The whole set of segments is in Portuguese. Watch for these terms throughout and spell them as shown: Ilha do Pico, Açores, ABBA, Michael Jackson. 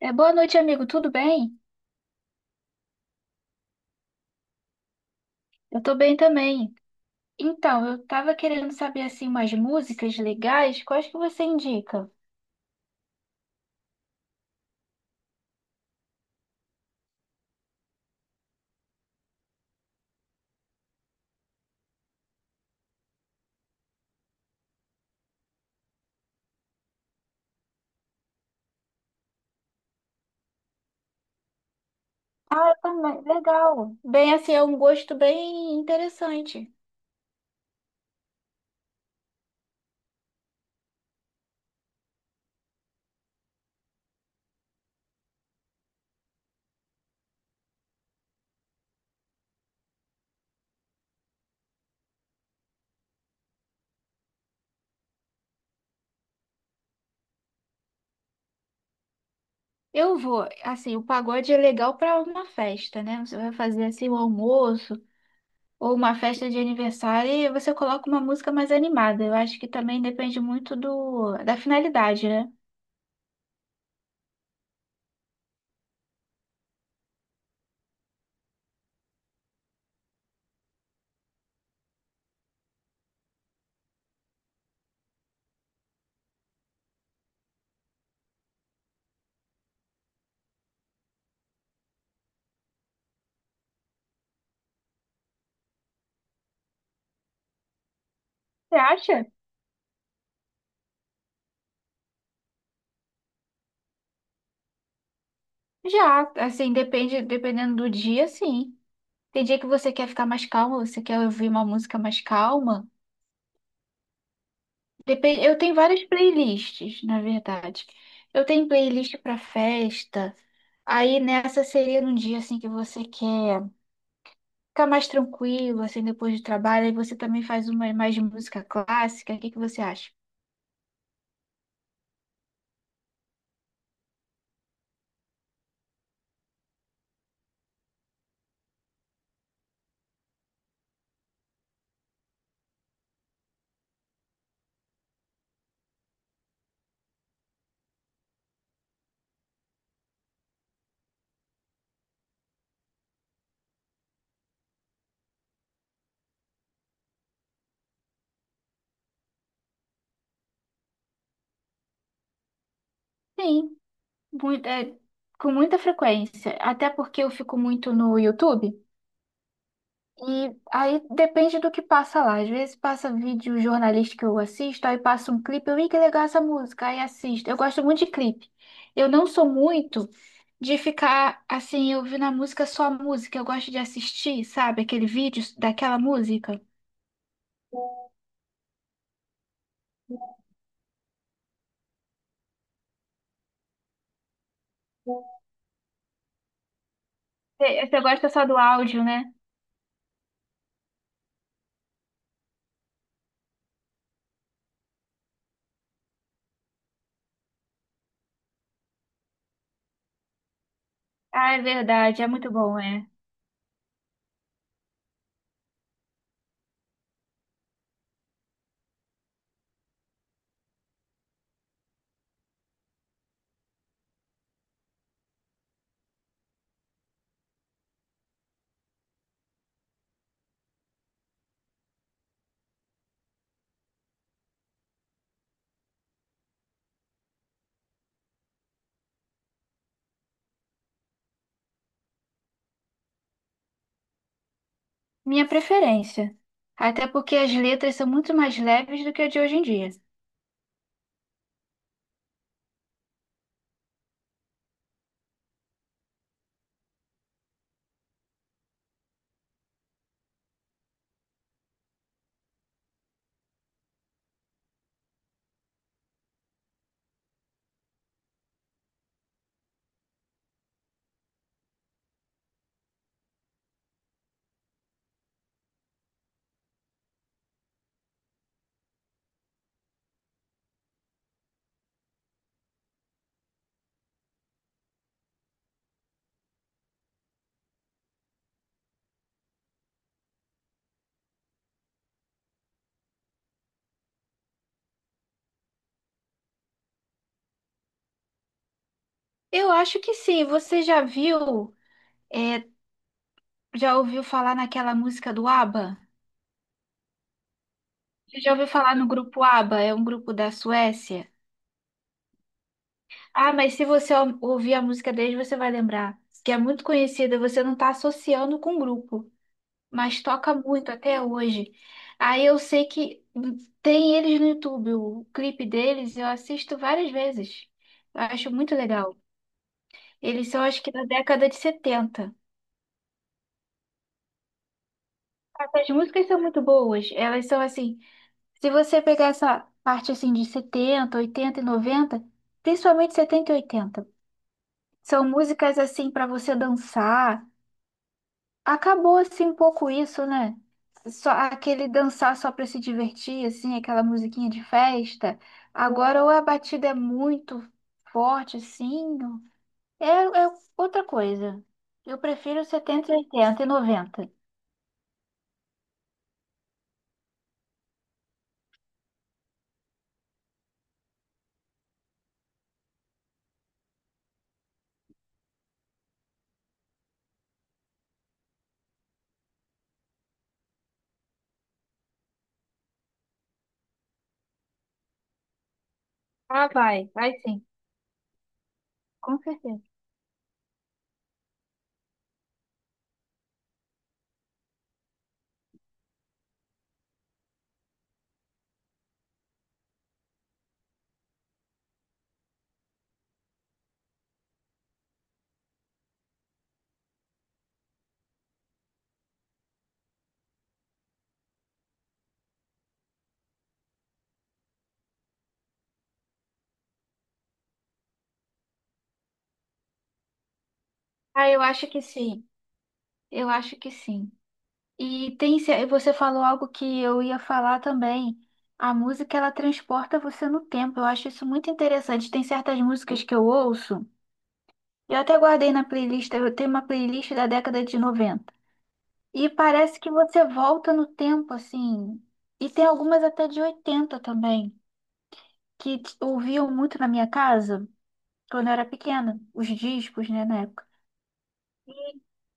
É, boa noite, amigo. Tudo bem? Eu tô bem também. Então, eu tava querendo saber assim umas músicas legais. Quais que você indica? Ah, eu também. Legal. Bem, assim, é um gosto bem interessante. Eu vou, assim, o pagode é legal para uma festa, né? Você vai fazer assim um almoço ou uma festa de aniversário e você coloca uma música mais animada. Eu acho que também depende muito do da finalidade, né? Você acha? Já, assim, depende, dependendo do dia, sim. Tem dia que você quer ficar mais calma, você quer ouvir uma música mais calma. Depende, eu tenho várias playlists, na verdade. Eu tenho playlist para festa. Aí nessa seria num dia assim que você quer ficar mais tranquilo, assim, depois do trabalho. Aí você também faz uma mais de música clássica. O que que você acha? Sim, muito, com muita frequência. Até porque eu fico muito no YouTube. E aí depende do que passa lá. Às vezes passa vídeo jornalístico que eu assisto, aí passa um clipe, eu, ih, que legal essa música, aí assisto. Eu gosto muito de clipe. Eu não sou muito de ficar assim, ouvindo a música só a música. Eu gosto de assistir, sabe, aquele vídeo daquela música. Você gosta só do áudio, né? Ah, é verdade, é muito bom, é. Minha preferência. Até porque as letras são muito mais leves do que a de hoje em dia. Eu acho que sim. Você já viu? é, Já ouviu falar naquela música do ABBA? Você já ouviu falar no grupo ABBA? É um grupo da Suécia. Ah, mas se você ouvir a música deles, você vai lembrar. Que é muito conhecida, você não está associando com o grupo, mas toca muito até hoje. Aí eu sei que tem eles no YouTube, o clipe deles eu assisto várias vezes. Eu acho muito legal. Eles são, acho que, da década de 70. As músicas são muito boas, elas são assim. Se você pegar essa parte assim de 70, 80 e 90, principalmente 70 e 80, são músicas assim para você dançar. Acabou assim um pouco isso, né? Só aquele dançar só para se divertir, assim, aquela musiquinha de festa. Agora ou a batida é muito forte, assim, é, é outra coisa. Eu prefiro 70, 80 e 90. Ah, vai, vai sim, com certeza. Ah, eu acho que sim. Eu acho que sim. E tem, você falou algo que eu ia falar também. A música, ela transporta você no tempo. Eu acho isso muito interessante. Tem certas músicas que eu ouço. Eu até guardei na playlist, eu tenho uma playlist da década de noventa. E parece que você volta no tempo, assim. E tem algumas até de 80 também, que ouviam muito na minha casa quando eu era pequena, os discos, né, na época.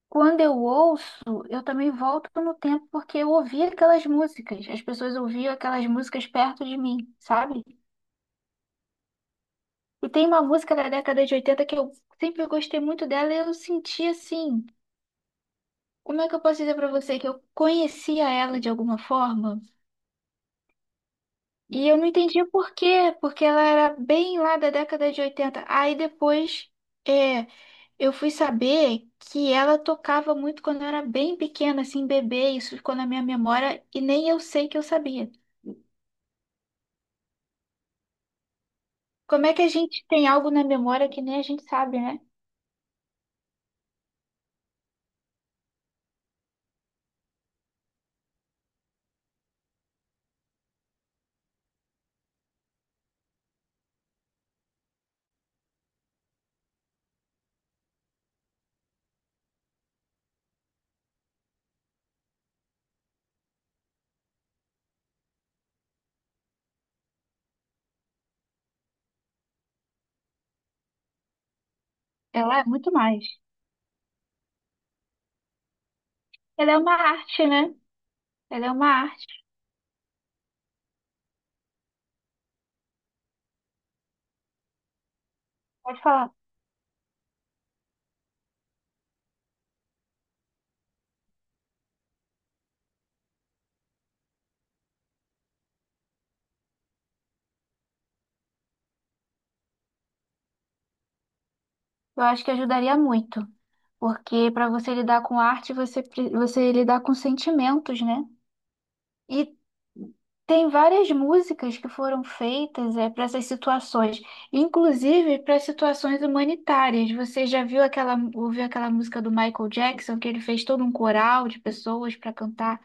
Quando eu ouço, eu também volto no tempo porque eu ouvi aquelas músicas. As pessoas ouviam aquelas músicas perto de mim, sabe? E tem uma música da década de 80 que eu sempre gostei muito dela e eu senti assim. Como é que eu posso dizer pra você que eu conhecia ela de alguma forma? E eu não entendia por quê, porque ela era bem lá da década de 80. Aí depois, é, eu fui saber que ela tocava muito quando eu era bem pequena, assim, bebê, isso ficou na minha memória e nem eu sei que eu sabia. Como é que a gente tem algo na memória que nem a gente sabe, né? Ela é muito mais. Ela é uma arte, né? Ela é uma arte. Pode falar. Eu acho que ajudaria muito, porque para você lidar com arte, você, você lidar com sentimentos, né? E tem várias músicas que foram feitas para essas situações, inclusive para situações humanitárias. Você já viu aquela, ouviu aquela música do Michael Jackson, que ele fez todo um coral de pessoas para cantar,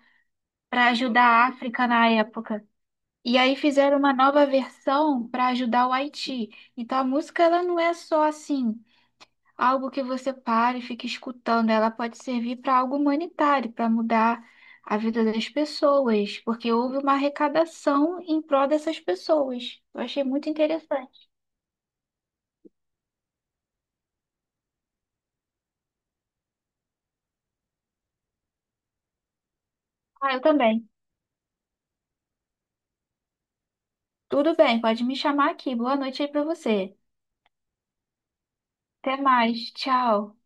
para ajudar a África na época? E aí fizeram uma nova versão para ajudar o Haiti. Então a música ela não é só assim. Algo que você pare e fique escutando, ela pode servir para algo humanitário, para mudar a vida das pessoas, porque houve uma arrecadação em prol dessas pessoas. Eu achei muito interessante. Ah, eu também. Tudo bem, pode me chamar aqui. Boa noite aí para você. Até mais. Tchau.